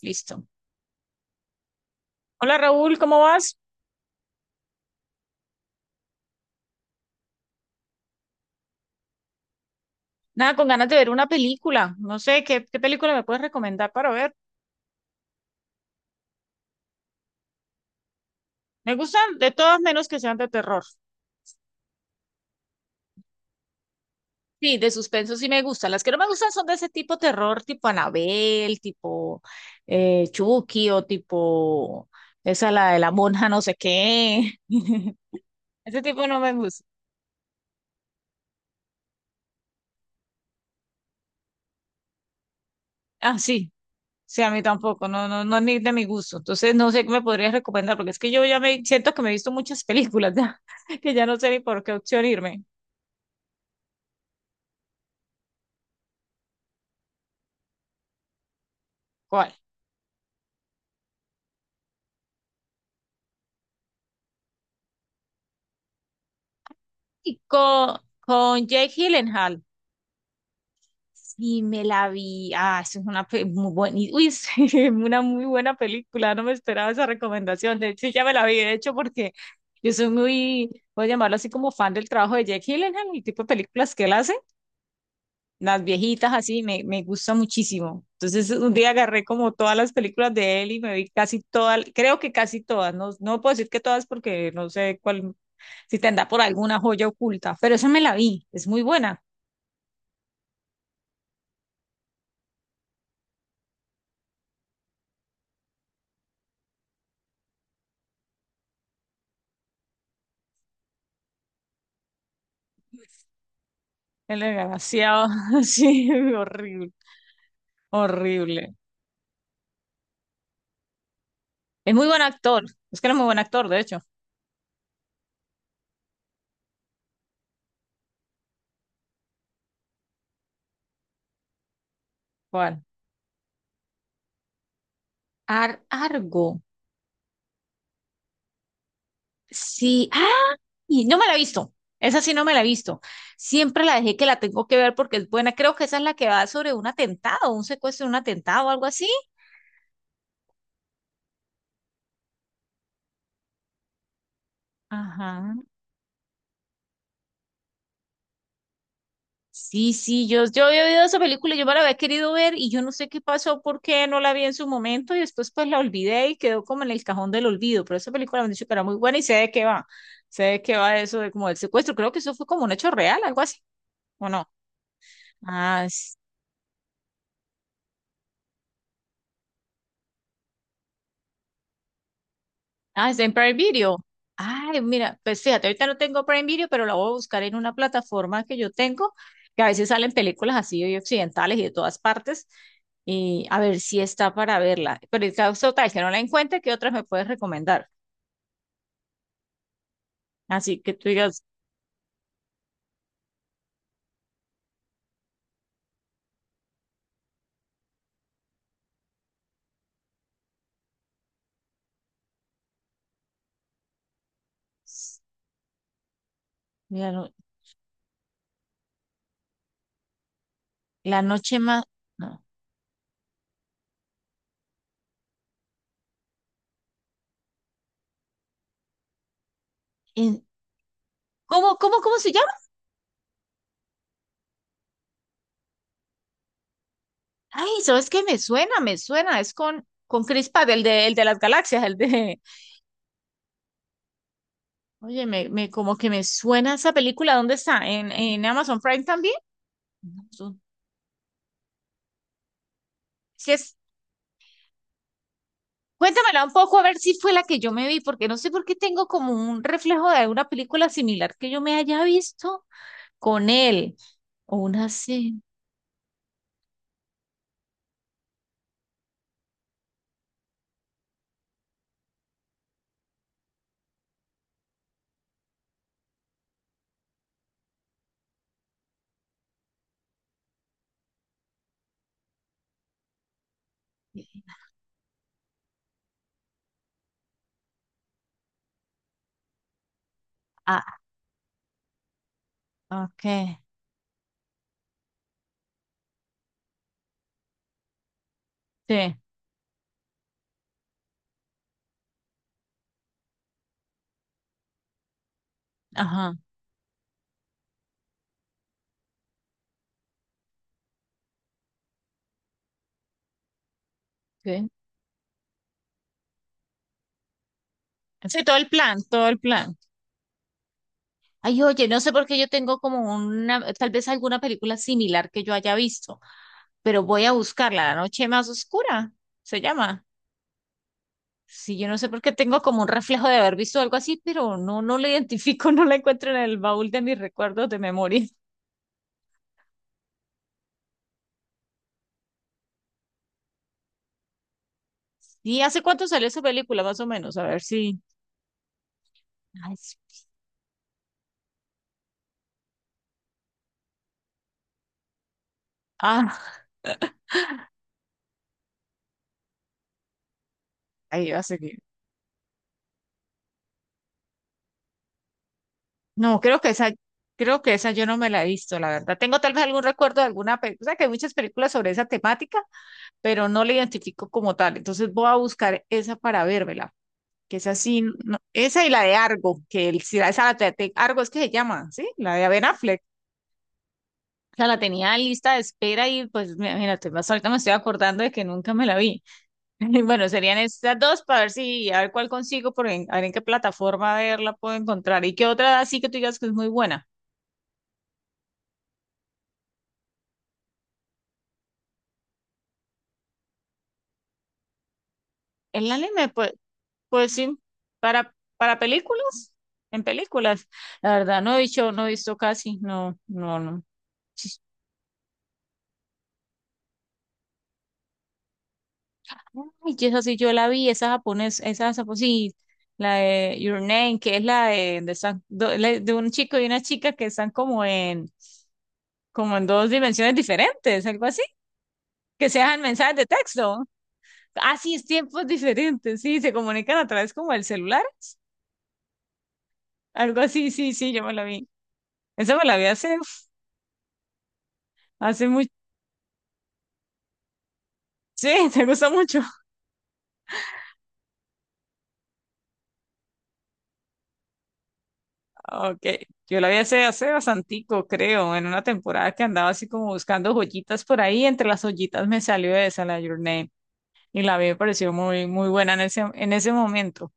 Listo. Hola Raúl, ¿cómo vas? Nada, con ganas de ver una película. No sé, ¿qué película me puedes recomendar para ver? Me gustan de todas menos que sean de terror. Sí, de suspenso sí me gustan. Las que no me gustan son de ese tipo terror, tipo Anabel, tipo Chucky o tipo esa la de la monja no sé qué. Ese tipo no me gusta. Ah, sí, sí, a mí tampoco, no, no, no, ni de mi gusto. Entonces no sé qué me podrías recomendar, porque es que yo ya me siento que me he visto muchas películas ya, que ya no sé ni por qué opción irme. ¿Cuál? Y con Jake Gyllenhaal. Sí, me la vi. Ah, eso es una muy buena, uy, es una muy buena película. No me esperaba esa recomendación. De hecho, ya me la vi, de hecho, porque yo soy muy, voy a llamarlo así como fan del trabajo de Jake Gyllenhaal, el tipo de películas que él hace, las viejitas así, me gusta muchísimo. Entonces, un día agarré como todas las películas de él y me vi casi todas, creo que casi todas. No, no puedo decir que todas porque no sé cuál si te anda por alguna joya oculta. Pero esa me la vi, es muy buena. El desgraciado, sí, horrible, horrible. Es muy buen actor, es que era muy buen actor, de hecho. ¿Cuál? Ar Argo, sí. ¡Ay! No me la he visto, esa sí no me la he visto. Siempre la dejé que la tengo que ver porque es buena. Creo que esa es la que va sobre un atentado, un secuestro, un atentado o algo así. Ajá. Sí, sí, yo había oído esa película, yo me la había querido ver y yo no sé qué pasó, por qué no la vi en su momento y después pues la olvidé y quedó como en el cajón del olvido, pero esa película me han dicho que era muy buena y sé de qué va, sé de qué va eso de como del secuestro, creo que eso fue como un hecho real, algo así, ¿o no? Ah, ah, está en Prime Video. Ay, mira, pues fíjate, ahorita no tengo Prime Video, pero la voy a buscar en una plataforma que yo tengo, que a veces salen películas así y occidentales y de todas partes, y a ver si está para verla. Pero en caso tal que no la encuentre, ¿qué otras me puedes recomendar? Así que tú digas, "S- mira, no, la noche más... No. En- ¿Cómo se llama? Ay, ¿sabes qué? Me suena, me suena. Es con Chris Pratt, el de las galaxias, el de... Oye, como que me suena esa película. ¿Dónde está? ¿En Amazon Prime también? Amazon. Si es, cuéntamela un poco a ver si fue la que yo me vi, porque no sé por qué tengo como un reflejo de alguna película similar que yo me haya visto con él. O una así. Ah, ok. Sí, ajá. Sí. Sí, todo el plan, todo el plan. Ay, oye, no sé por qué yo tengo como una, tal vez alguna película similar que yo haya visto, pero voy a buscarla, La noche más oscura, se llama. Sí, yo no sé por qué tengo como un reflejo de haber visto algo así, pero no, no la identifico, no la encuentro en el baúl de mis recuerdos de memoria. ¿Y hace cuánto salió esa película, más o menos? A ver si. Ay, sí. Ah, ahí va a seguir. No, creo que esa yo no me la he visto, la verdad. Tengo tal vez algún recuerdo de alguna película, o sea, que hay muchas películas sobre esa temática, pero no la identifico como tal. Entonces voy a buscar esa para vérmela, que es así, esa sí no- esa y la de Argo, que el, si la- esa la de Argo es que se llama, ¿sí? La de Ben Affleck. O sea, la tenía en lista de espera y pues mira, imagínate, más ahorita me estoy acordando de que nunca me la vi. Bueno, serían estas dos para ver si, a ver cuál consigo, a ver en qué plataforma verla puedo encontrar. ¿Y qué otra así que tú digas que es muy buena? El anime, pues sí, para películas, en películas. La verdad, no he dicho, no he visto casi, no, no, no. Ay, y esa sí yo la vi, esa japonés, sí, la de Your Name, que es la de están la de un chico y una chica que están como en dos dimensiones diferentes, algo así, que sean mensajes de texto. Así es, tiempos diferentes, sí, se comunican a través como el celular, algo así, sí, sí, yo me la vi. Esa me la vi hace, uf, hace mucho, sí, te gusta mucho. Ok, yo la vi hace bastantico, creo, en una temporada que andaba así como buscando joyitas por ahí, entre las joyitas me salió esa, la de Your Name, y la vi, me pareció muy, muy buena en ese momento.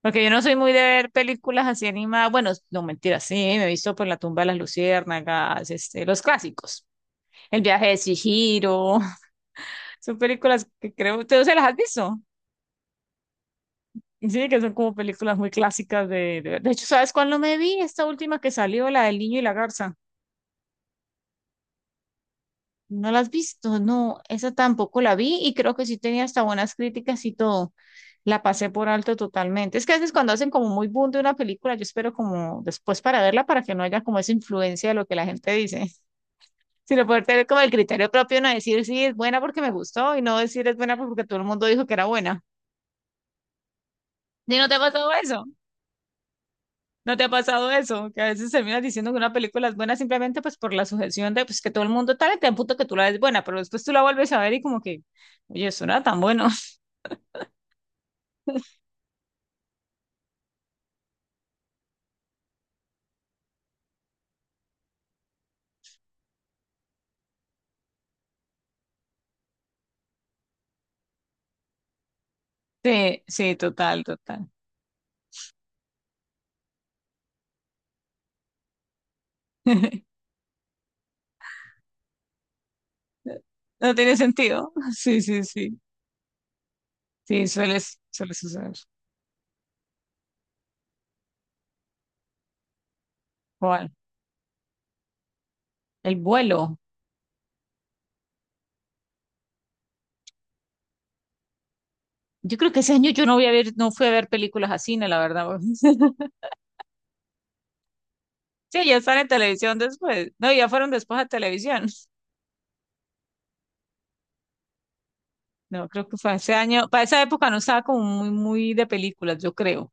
Porque yo no soy muy de ver películas así animadas. Bueno, no mentira, sí, me he visto por La tumba de las luciérnagas, los clásicos. El viaje de Chihiro. Son películas que creo, ¿tú se las has visto? Sí, que son como películas muy clásicas de hecho, ¿sabes cuál no me vi? Esta última que salió, la del niño y la garza. No la has visto, no, esa tampoco la vi y creo que sí tenía hasta buenas críticas y todo. La pasé por alto totalmente. Es que a veces cuando hacen como muy boom de una película, yo espero como después para verla para que no haya como esa influencia de lo que la gente dice, sino poder tener como el criterio propio, no decir sí es buena porque me gustó y no decir es buena porque todo el mundo dijo que era buena. ¿Y no te ha pasado eso? ¿No te ha pasado eso? Que a veces terminas diciendo que una película es buena simplemente pues por la sujeción de pues que todo el mundo tal y te punto que tú la ves buena, pero después tú la vuelves a ver y como que, oye, eso no era tan bueno. Sí, sí, total, total. No tiene sentido. Sí, sí, sí. Sí, suele suceder. ¿Cuál? El vuelo. Yo creo que ese año yo no voy a ver, no fui a ver películas a cine, la verdad. Sí, ya están en televisión después. No, ya fueron después a televisión. No, creo que fue ese año. Para esa época no estaba como muy, muy de películas, yo creo.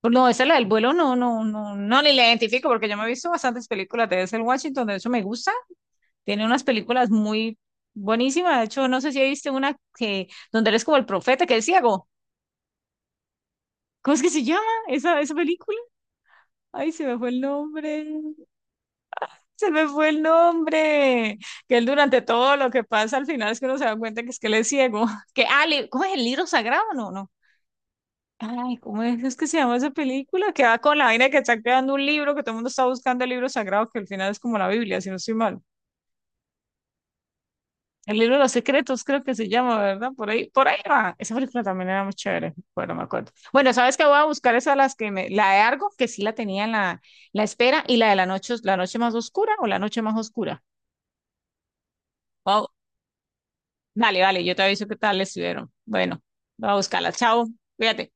Pues no, esa es la del vuelo, no, no, no, no, ni la identifico porque yo me he visto bastantes películas de ese Washington, de eso me gusta. Tiene unas películas muy buenísimas. De hecho, no sé si viste una que donde él es como el profeta, que es ciego. ¿Cómo es que se llama esa película? Ay, se me fue el nombre. Se me fue el nombre. Que él durante todo lo que pasa al final es que uno se da cuenta que es que él es ciego. Que, ah, ¿cómo es el libro sagrado? No, no. Ay, ¿cómo es que se llama esa película? Que va con la vaina de que está creando un libro, que todo el mundo está buscando el libro sagrado, que al final es como la Biblia, si no estoy mal. El libro de los secretos, creo que se llama, ¿verdad? Por ahí va. Esa película también era muy chévere, bueno, me acuerdo. Bueno, sabes que voy a buscar esa las que me, la de Argo, que sí la tenía en la espera, y la de la noche más oscura o la noche más oscura. Wow. Dale, dale, yo te aviso qué tal les estuvieron. Bueno, voy a buscarla. Chao, cuídate.